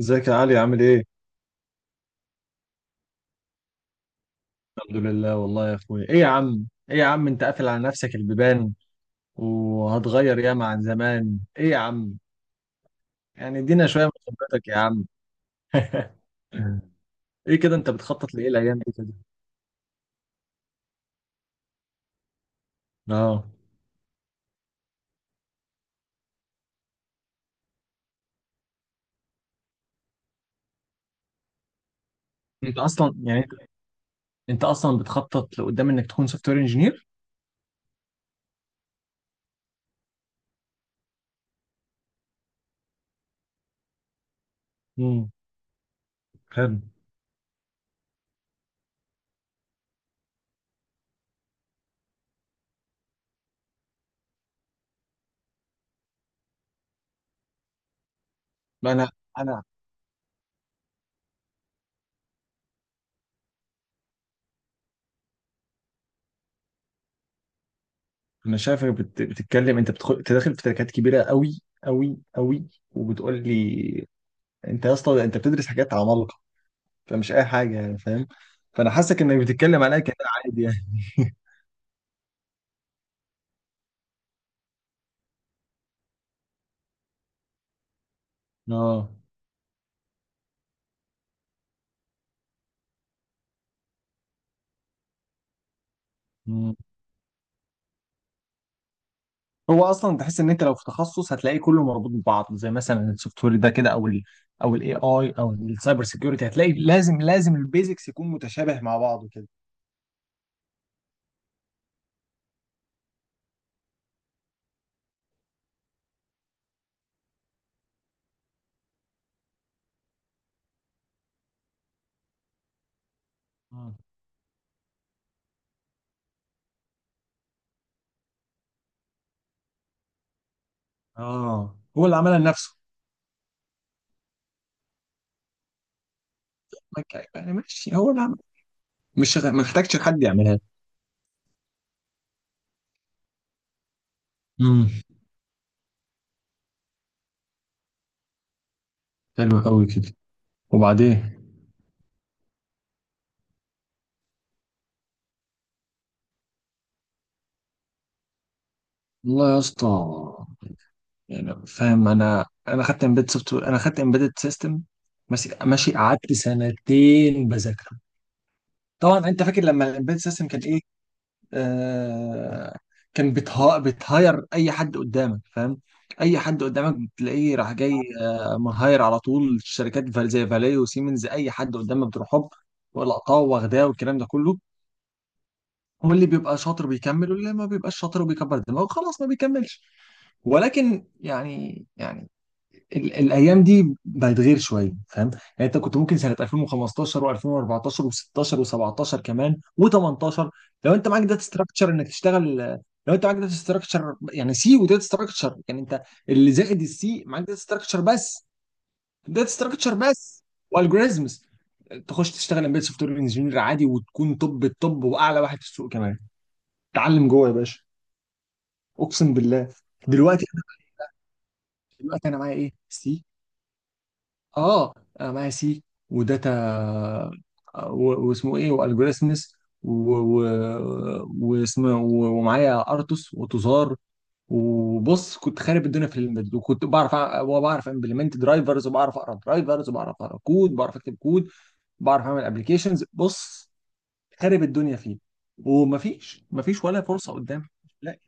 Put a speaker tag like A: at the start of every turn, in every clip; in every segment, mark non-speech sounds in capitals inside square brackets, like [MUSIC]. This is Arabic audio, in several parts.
A: ازيك يا علي عامل ايه؟ الحمد لله والله يا اخويا ايه يا عم؟ ايه يا عم انت قافل على نفسك البيبان وهتغير ياما عن زمان ايه يا عم؟ يعني ادينا شوية من خبرتك يا عم. [LAUGHS] ايه كده انت بتخطط لايه الايام دي كده؟ اه، انت اصلا يعني انت اصلا بتخطط لقدام انك تكون سوفت وير انجينير؟ امم، حلو. ما انا، انا، شايفك بتتكلم، انت بتدخل تداخل في تركات كبيرة قوي قوي قوي، وبتقول لي انت يا اسطى انت بتدرس حاجات عمالقة، فمش اي حاجه يعني فاهم، فانا حاسك انك بتتكلم عليا كده عادي يعني. [LAUGHS] اه. مم. هو اصلا تحس ان انت لو في تخصص هتلاقيه كله مربوط ببعض، زي مثلا السوفت وير ده كده، او او الاي اي او السايبر سيكيورتي، هتلاقي لازم لازم البيزكس يكون متشابه مع بعضه كده. مم. اه، هو اللي عملها لنفسه. يعني ماشي، هو اللي عمل، مش ما محتاجش حد يعملها. امم، حلو قوي كده. وبعدين، والله يا اسطى، يعني فاهم انا، خدت امبيد سوفت وير، انا خدت امبيدد سيستم ماشي ماشي، قعدت 2 سنتين بذاكره. طبعا انت فاكر لما الامبيدد سيستم كان ايه؟ آه، كان بتهاير اي حد قدامك فاهم، اي حد قدامك بتلاقيه راح جاي. آه، مهاير على طول الشركات زي فالي وسيمنز، اي حد قدامك بتروح هوب ولقطاه واخداه والكلام ده كله. هو اللي بيبقى شاطر بيكمل، واللي ما بيبقاش شاطر وبيكبر دماغه خلاص ما بيكملش. ولكن يعني، يعني الايام دي بقت غير شويه فاهم، يعني انت كنت ممكن سنه 2015 و2014 و16 و17 كمان و18، لو انت معاك داتا ستراكشر انك تشتغل. لو انت معاك داتا ستراكشر، يعني سي وداتا ستراكشر، يعني انت اللي زائد السي معاك داتا ستراكشر بس، داتا ستراكشر بس والجوريزمز، تخش تشتغل امبيد سوفت وير انجينير عادي، وتكون توب التوب واعلى واحد في السوق كمان. تعلم جوه يا باشا، اقسم بالله. دلوقتي، دلوقتي انا معايا ايه؟ سي. اه، انا معايا سي وداتا، واسمه ايه والجوريثمز و- ومعايا ارتوس وتزار، وبص كنت خارب الدنيا في الامبيد، وكنت بعرف وبعرف امبلمنت درايفرز، وبعرف اقرا درايفرز، وبعرف اقرا كود، بعرف اكتب كود، بعرف اعمل ابلكيشنز، بص خارب الدنيا فيه. ومفيش، ولا فرصه قدام، مش لاقي،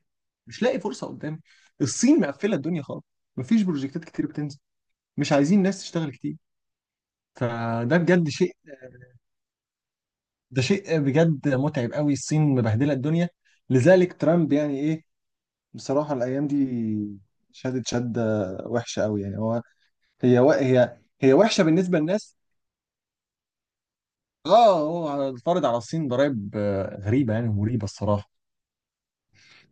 A: مش لاقي فرصه قدام. الصين مقفله الدنيا خالص، مفيش بروجكتات كتير بتنزل، مش عايزين ناس تشتغل كتير. فده بجد شيء، ده شيء بجد متعب قوي، الصين مبهدله الدنيا، لذلك ترامب يعني ايه بصراحه الايام دي شدت شده وحشه قوي يعني. هو هي وحشه بالنسبه للناس. اه، هو فرض على الصين ضرائب آه، غريبه يعني ومريبه الصراحه.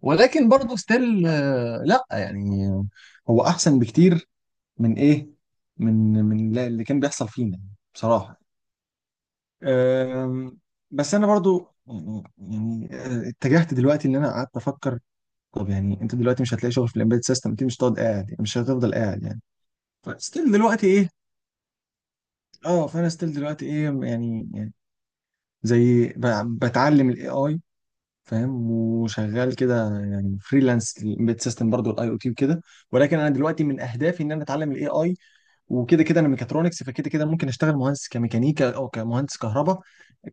A: ولكن برضه ستيل، لا يعني هو احسن بكتير من ايه، من اللي كان بيحصل فينا يعني، بصراحه. أم، بس انا برضو يعني، اتجهت دلوقتي ان انا قعدت افكر، طب يعني انت دلوقتي مش هتلاقي شغل في الامبيد سيستم، انت مش هتقعد قاعد يعني، مش هتفضل قاعد يعني، فستيل دلوقتي ايه؟ اه، فانا ستيل دلوقتي ايه يعني، يعني زي بتعلم الاي اي فاهم، وشغال كده يعني فريلانس الامبيد سيستم برضو الاي او تي وكده. ولكن انا دلوقتي من اهدافي ان انا اتعلم الاي اي، وكده كده انا ميكاترونكس، فكده كده ممكن اشتغل مهندس كميكانيكا او كمهندس كهرباء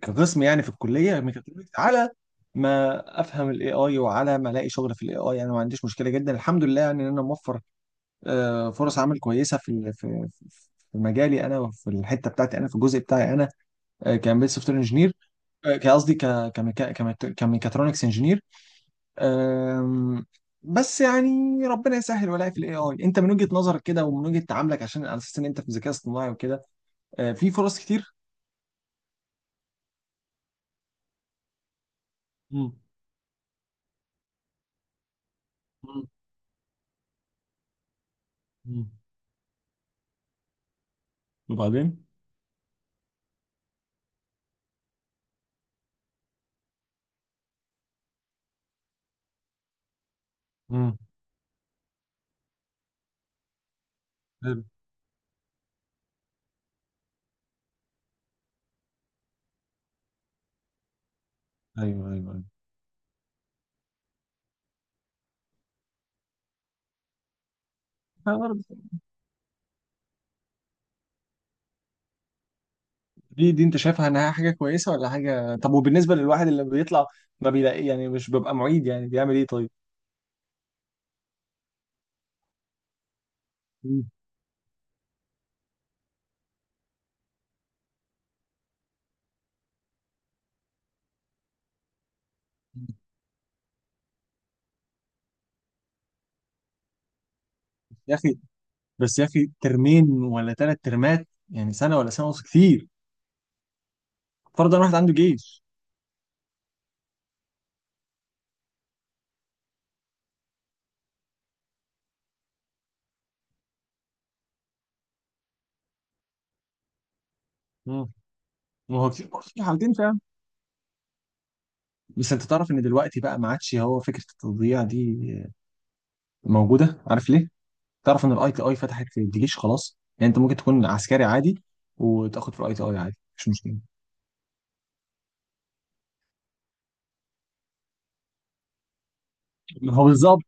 A: كقسم يعني في الكليه ميكاترونكس. على ما افهم الاي اي وعلى ما الاقي شغل في الاي اي، انا ما عنديش مشكله جدا الحمد لله، يعني ان انا موفر آه، فرص عمل كويسه في في مجالي انا، وفي الحته بتاعتي انا، في الجزء بتاعي انا كمبيوتر سوفت وير انجينير، قصدي كميكاترونكس انجينير. أم، بس يعني ربنا يسهل ولاقي في الاي اي. انت من وجهة نظرك كده ومن وجهة تعاملك، عشان على اساس ان انت في الذكاء الاصطناعي وكده، في فرص كتير؟ مم. مم. مم. وبعدين؟ مم. حلو. ايوه، ايوه، ايوه. أنا برضه. دي، دي انت شايفها انها حاجة كويسة ولا حاجة؟ طب وبالنسبة للواحد اللي بيطلع ما بيلاقي يعني، مش بيبقى معيد، يعني بيعمل ايه طيب؟ مم. يا اخي، بس يا اخي ترمين ولا ثلاث ترمات يعني، سنة ولا سنة ونص كتير، فرضا واحد عنده جيش. مم. ما هو كتير برضه في حالتين، بس انت تعرف ان دلوقتي بقى ما عادش هو فكره التضييع دي موجوده، عارف ليه؟ تعرف ان الاي تي اي فتحت في الجيش خلاص، يعني انت ممكن تكون عسكري عادي وتاخد في الاي تي اي عادي مش مشكله. هو بالظبط،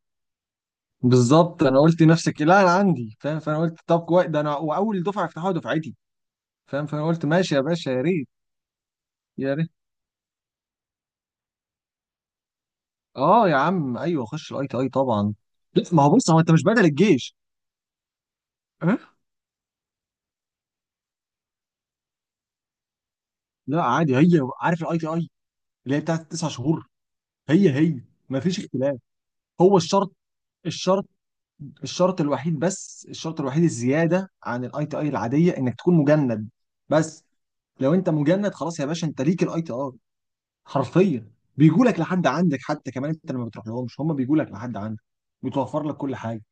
A: بالظبط، انا قلت نفسك لا انا عندي فاهم، فانا قلت طب كويس ده، انا واول دفعه يفتحوها دفعتي فاهم، فانا قلت ماشي يا باشا يا ريت، يا ريت. اه يا عم ايوه، خش الاي تي اي طبعا. لا ما هو بص، هو انت مش بدل الجيش. أه؟ لا عادي، هي عارف الاي تي اي اللي هي بتاعت 9 شهور، هي هي، ما فيش اختلاف. هو الشرط، الشرط، الشرط الوحيد، بس الشرط الوحيد الزياده عن الاي تي اي العاديه انك تكون مجند بس. لو انت مجند خلاص يا باشا انت ليك الاي تي اي، حرفيا بيجوا لك لحد عندك، حتى كمان انت لما بتروح لهمش هم بيجوا لك لحد عندك، بتوفر لك كل حاجه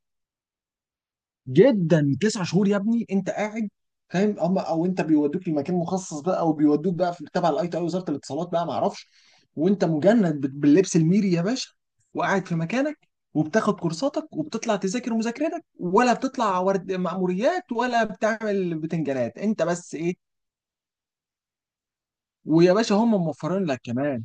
A: جدا. 9 شهور يا ابني انت قاعد فاهم، اما او انت بيودوك لمكان مخصص بقى، او بيودوك بقى في تبع الاي تي اي وزاره الاتصالات بقى ما اعرفش، وانت مجند باللبس الميري يا باشا، وقاعد في مكانك، وبتاخد كورساتك، وبتطلع تذاكر مذاكرتك، ولا بتطلع ورد مأموريات، ولا بتعمل بتنجانات، انت بس ايه، ويا باشا هم موفرين لك كمان،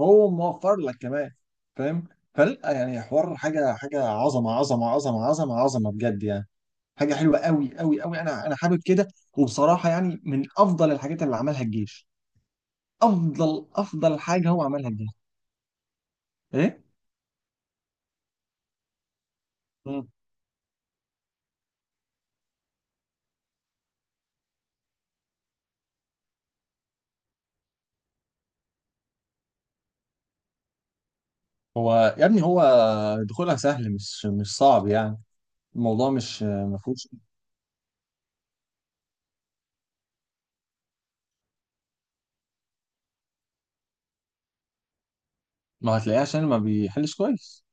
A: هو موفر لك كمان فاهم. فلا يعني، حوار حاجه، حاجه عظمه عظمه عظمه عظمه عظمه بجد يعني، حاجه حلوه قوي قوي قوي، انا، انا حابب كده. وبصراحه يعني من افضل الحاجات اللي عملها الجيش، افضل افضل حاجه هو عملها الجيش. ايه. مم. هو يا ابني هو دخولها سهل، مش مش صعب يعني، الموضوع مش ما فيهوش. ما هتلاقيه عشان ما بيحلش كويس.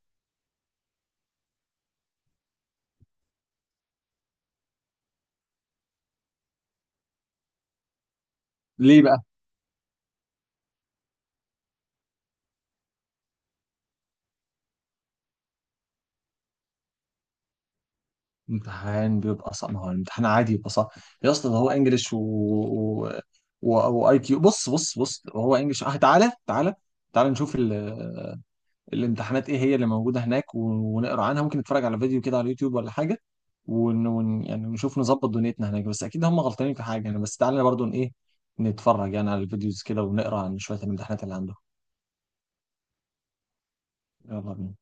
A: ليه بقى؟ امتحان بيبقى صعب؟ ما هو الامتحان عادي يبقى صعب يا اسطى، ده هو انجلش و واي كيو. بص بص بص، هو انجلش اه، تعالى تعالى، تعالى نشوف الامتحانات ايه هي اللي موجوده هناك، ونقرا عنها، ممكن نتفرج على فيديو كده على اليوتيوب ولا حاجه، يعني نشوف نظبط دنيتنا هناك، بس اكيد هم غلطانين في حاجه يعني. بس تعالى برضو ايه، نتفرج يعني على الفيديوز كده، ونقرا عن شويه الامتحانات اللي عندهم. يلا بينا.